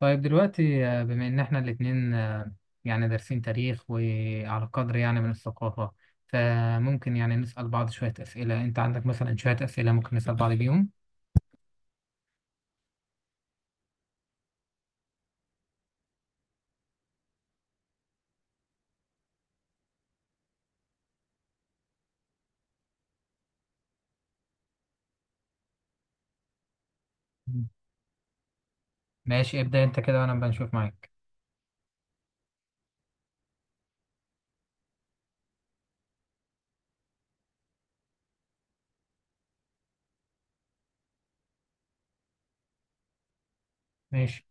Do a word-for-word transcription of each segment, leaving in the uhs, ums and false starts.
طيب دلوقتي آه، بما إن إحنا الاتنين آه، يعني دارسين تاريخ وعلى قدر يعني من الثقافة، فممكن يعني نسأل بعض شوية أسئلة. أنت عندك مثلا شوية أسئلة ممكن نسأل بعض بيهم؟ ماشي، ابدأ أنت كده وأنا بنشوف معاك. ماشي.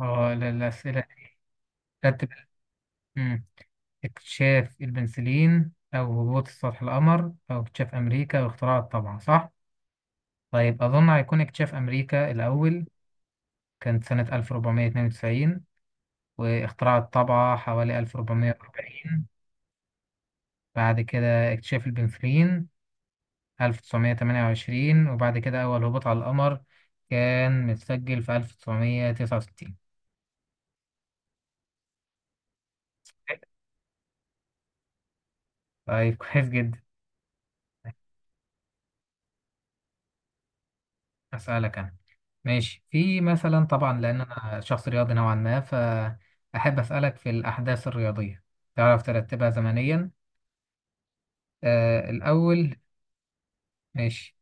اه، ال- الأسئلة. رتب. مم. اكتشاف البنسلين أو هبوط سطح القمر أو اكتشاف أمريكا واختراع الطبعة، صح؟ طيب، أظن هيكون اكتشاف أمريكا الأول. كانت سنة ألف وأربعمية اتنين وتسعين، واختراع الطبعة حوالي ألف وأربعمية وأربعين. بعد كده اكتشاف البنسلين ألف وتسعمية تمنية وعشرين، وبعد كده أول هبوط على القمر كان متسجل في ألف وتسعمية تسعة وستين. طيب كويس جدا. أسألك أنا ماشي. في مثلا، طبعا لأن أنا شخص رياضي نوعا ما، فأحب أسألك في الأحداث الرياضية. تعرف ترتبها زمنيا؟ آه الأول. ماشي.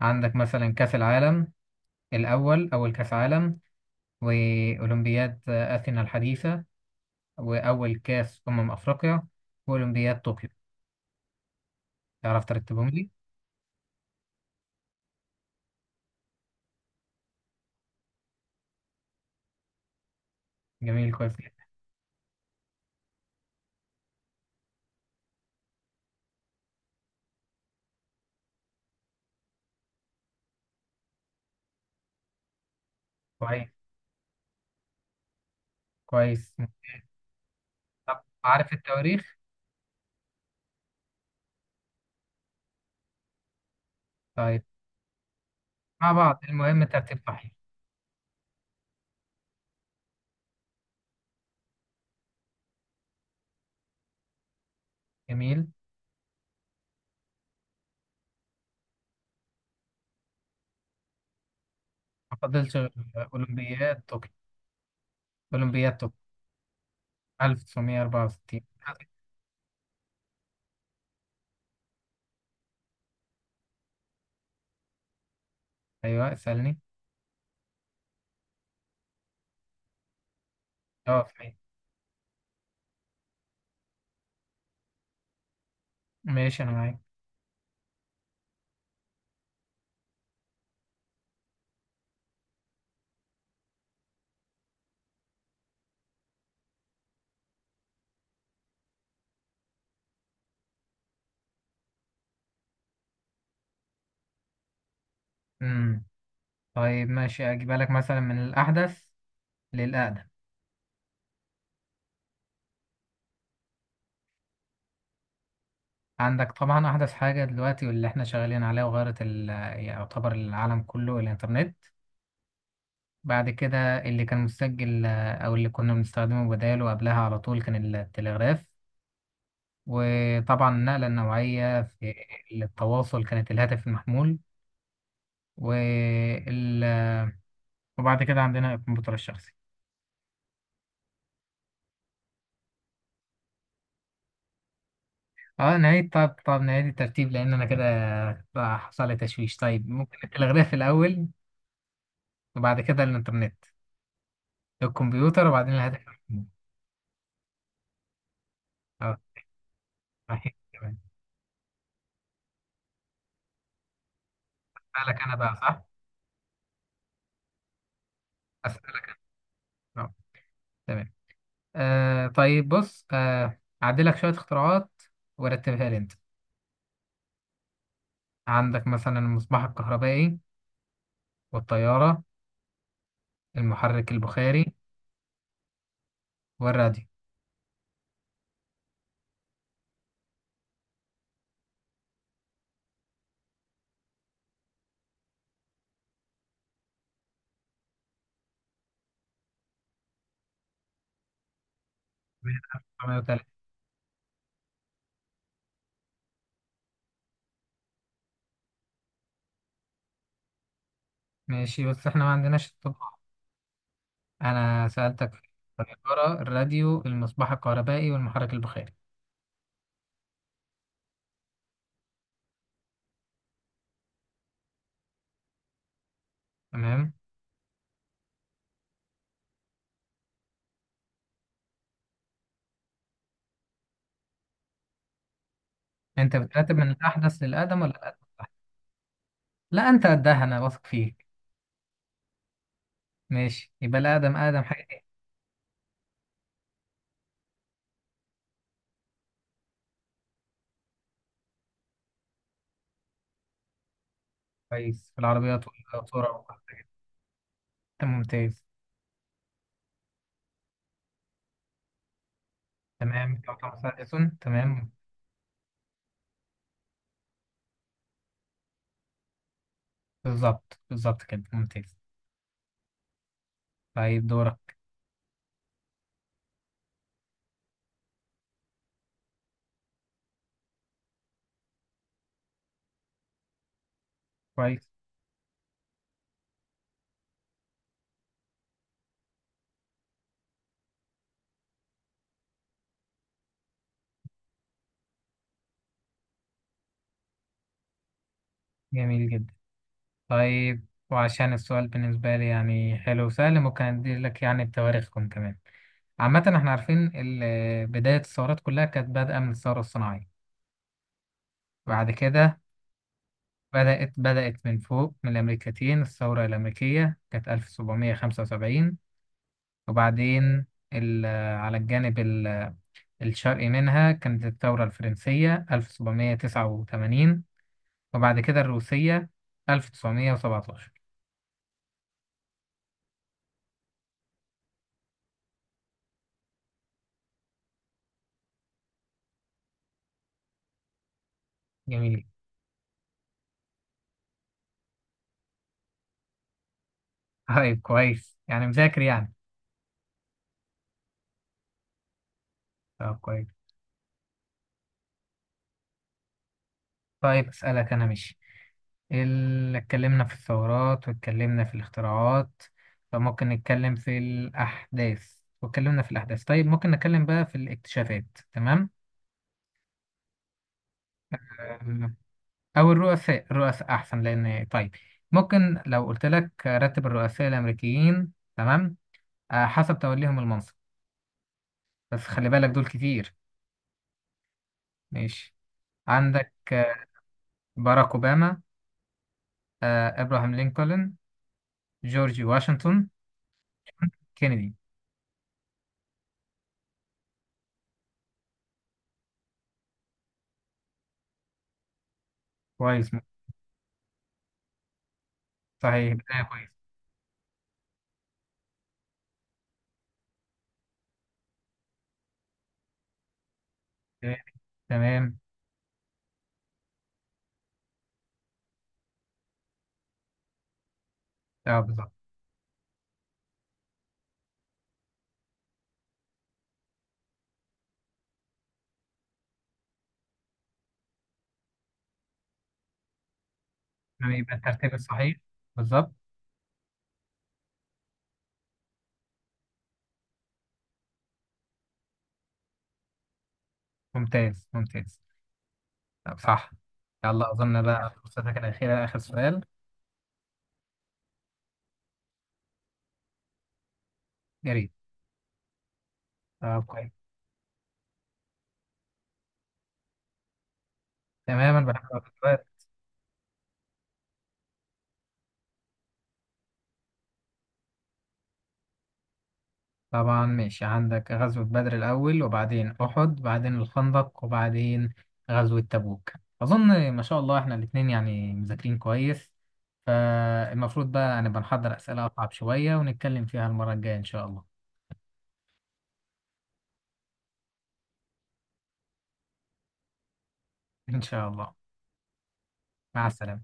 عندك مثلا كأس العالم الأول، أول كأس عالم، وأولمبياد آه، أثينا الحديثة، وأول كأس أمم أفريقيا، وأولمبياد طوكيو. تعرف ترتبهم لي؟ جميل، كويس جدا. كويس. كويس. طب عارف التواريخ؟ طيب. مع بعض، المهم ترتيب صحيح. جميل. ما فضلش غير أولمبياد طوكيو. أولمبياد طوكيو ألف وتسعمية أربعة وستين. أيوه، اسألني. أه، صحيح. ماشي، أنا معاك. امم طيب ماشي، أجيب لك مثلا من الأحدث للأقدم. عندك طبعا أحدث حاجة دلوقتي واللي احنا شغالين عليها وغيرت ال- يعتبر العالم كله الإنترنت. بعد كده اللي كان مسجل، آه، أو اللي كنا بنستخدمه بداله قبلها على طول، كان التلغراف. وطبعا النقلة النوعية في التواصل كانت الهاتف المحمول. وال... وبعد كده عندنا الكمبيوتر الشخصي. اه، نعيد. طب طب نعيد الترتيب لأن أنا كده حصل لي تشويش. طيب، ممكن التلغراف الأول، وبعد كده الإنترنت، الكمبيوتر، وبعدين الهاتف المحمول. اه، صحيح. تمام. سألك أنا بقى، صح؟ أسألك. آه، تمام. آه طيب بص، آه أعدلك شوية اختراعات ورتبها لي أنت. عندك مثلا المصباح الكهربائي، والطيارة، المحرك البخاري، والراديو. ألف وتسعمية وتلاتة. ماشي، بس احنا ما عندناش الطباعة. أنا سألتك في الطيارة، الراديو، المصباح الكهربائي، والمحرك البخاري. تمام. أنت بترتب من الأحدث للأقدم ولا الأقدم؟ لا، أنت قدها، أنا واثق فيك. ماشي، يبقى الأقدم. أقدم حاجة كويس في العربيات والقطورة. أنت ممتاز. تمام، يعطى مثلا إيسون. تمام، بالظبط بالظبط كده، ممتاز. طيب، دورك. كويس. جميل جدا. طيب، وعشان السؤال بالنسبة لي يعني حلو وسهل، ممكن أدي لك يعني بتواريخكم كمان. عامة احنا عارفين ال- بداية الثورات كلها كانت بادئة من الثورة الصناعية. بعد كده بدأت بدأت من فوق من الأمريكتين، الثورة الأمريكية كانت ألف وسبعمائة وخمسة وسبعين. وبعدين ال- على الجانب ال- الشرقي منها كانت الثورة الفرنسية ألف وسبعمائة وتسعة وثمانين. وبعد كده الروسية ألف وتسعمائة وسبعة عشر. جميل. طيب، كويس يعني مذاكر يعني. طب كويس. طيب، أسألك أنا ماشي. ال- اتكلمنا في الثورات، واتكلمنا في الاختراعات، فممكن نتكلم في الأحداث. واتكلمنا في الأحداث. طيب، ممكن نتكلم بقى في الاكتشافات. تمام. أم، أو الرؤساء. الرؤساء أحسن. لأن طيب، ممكن لو قلت لك رتب الرؤساء الأمريكيين. تمام. أه، حسب توليهم المنصب. بس خلي بالك دول كتير. ماشي. عندك باراك أوباما، آه، إبراهام لينكولن، جورج واشنطن، كينيدي. كويس. صحيح، بداية كويس. تمام. اه، بالظبط. تمام، يبقى الترتيب الصحيح بالظبط. ممتاز ممتاز. طب صح. يلا، أظن بقى فرصتك الأخيرة، آخر سؤال. يا ريت. طب كويس. تماما بحب. طبعا ماشي. عندك غزوة بدر الأول، وبعدين أحد، بعدين الخندق، وبعدين غزوة تبوك. أظن ما شاء الله إحنا الاتنين يعني مذاكرين كويس، فالمفروض بقى نبقى نحضر أسئلة أصعب شوية ونتكلم فيها المرة الجاية إن شاء الله. إن شاء الله. مع السلامة.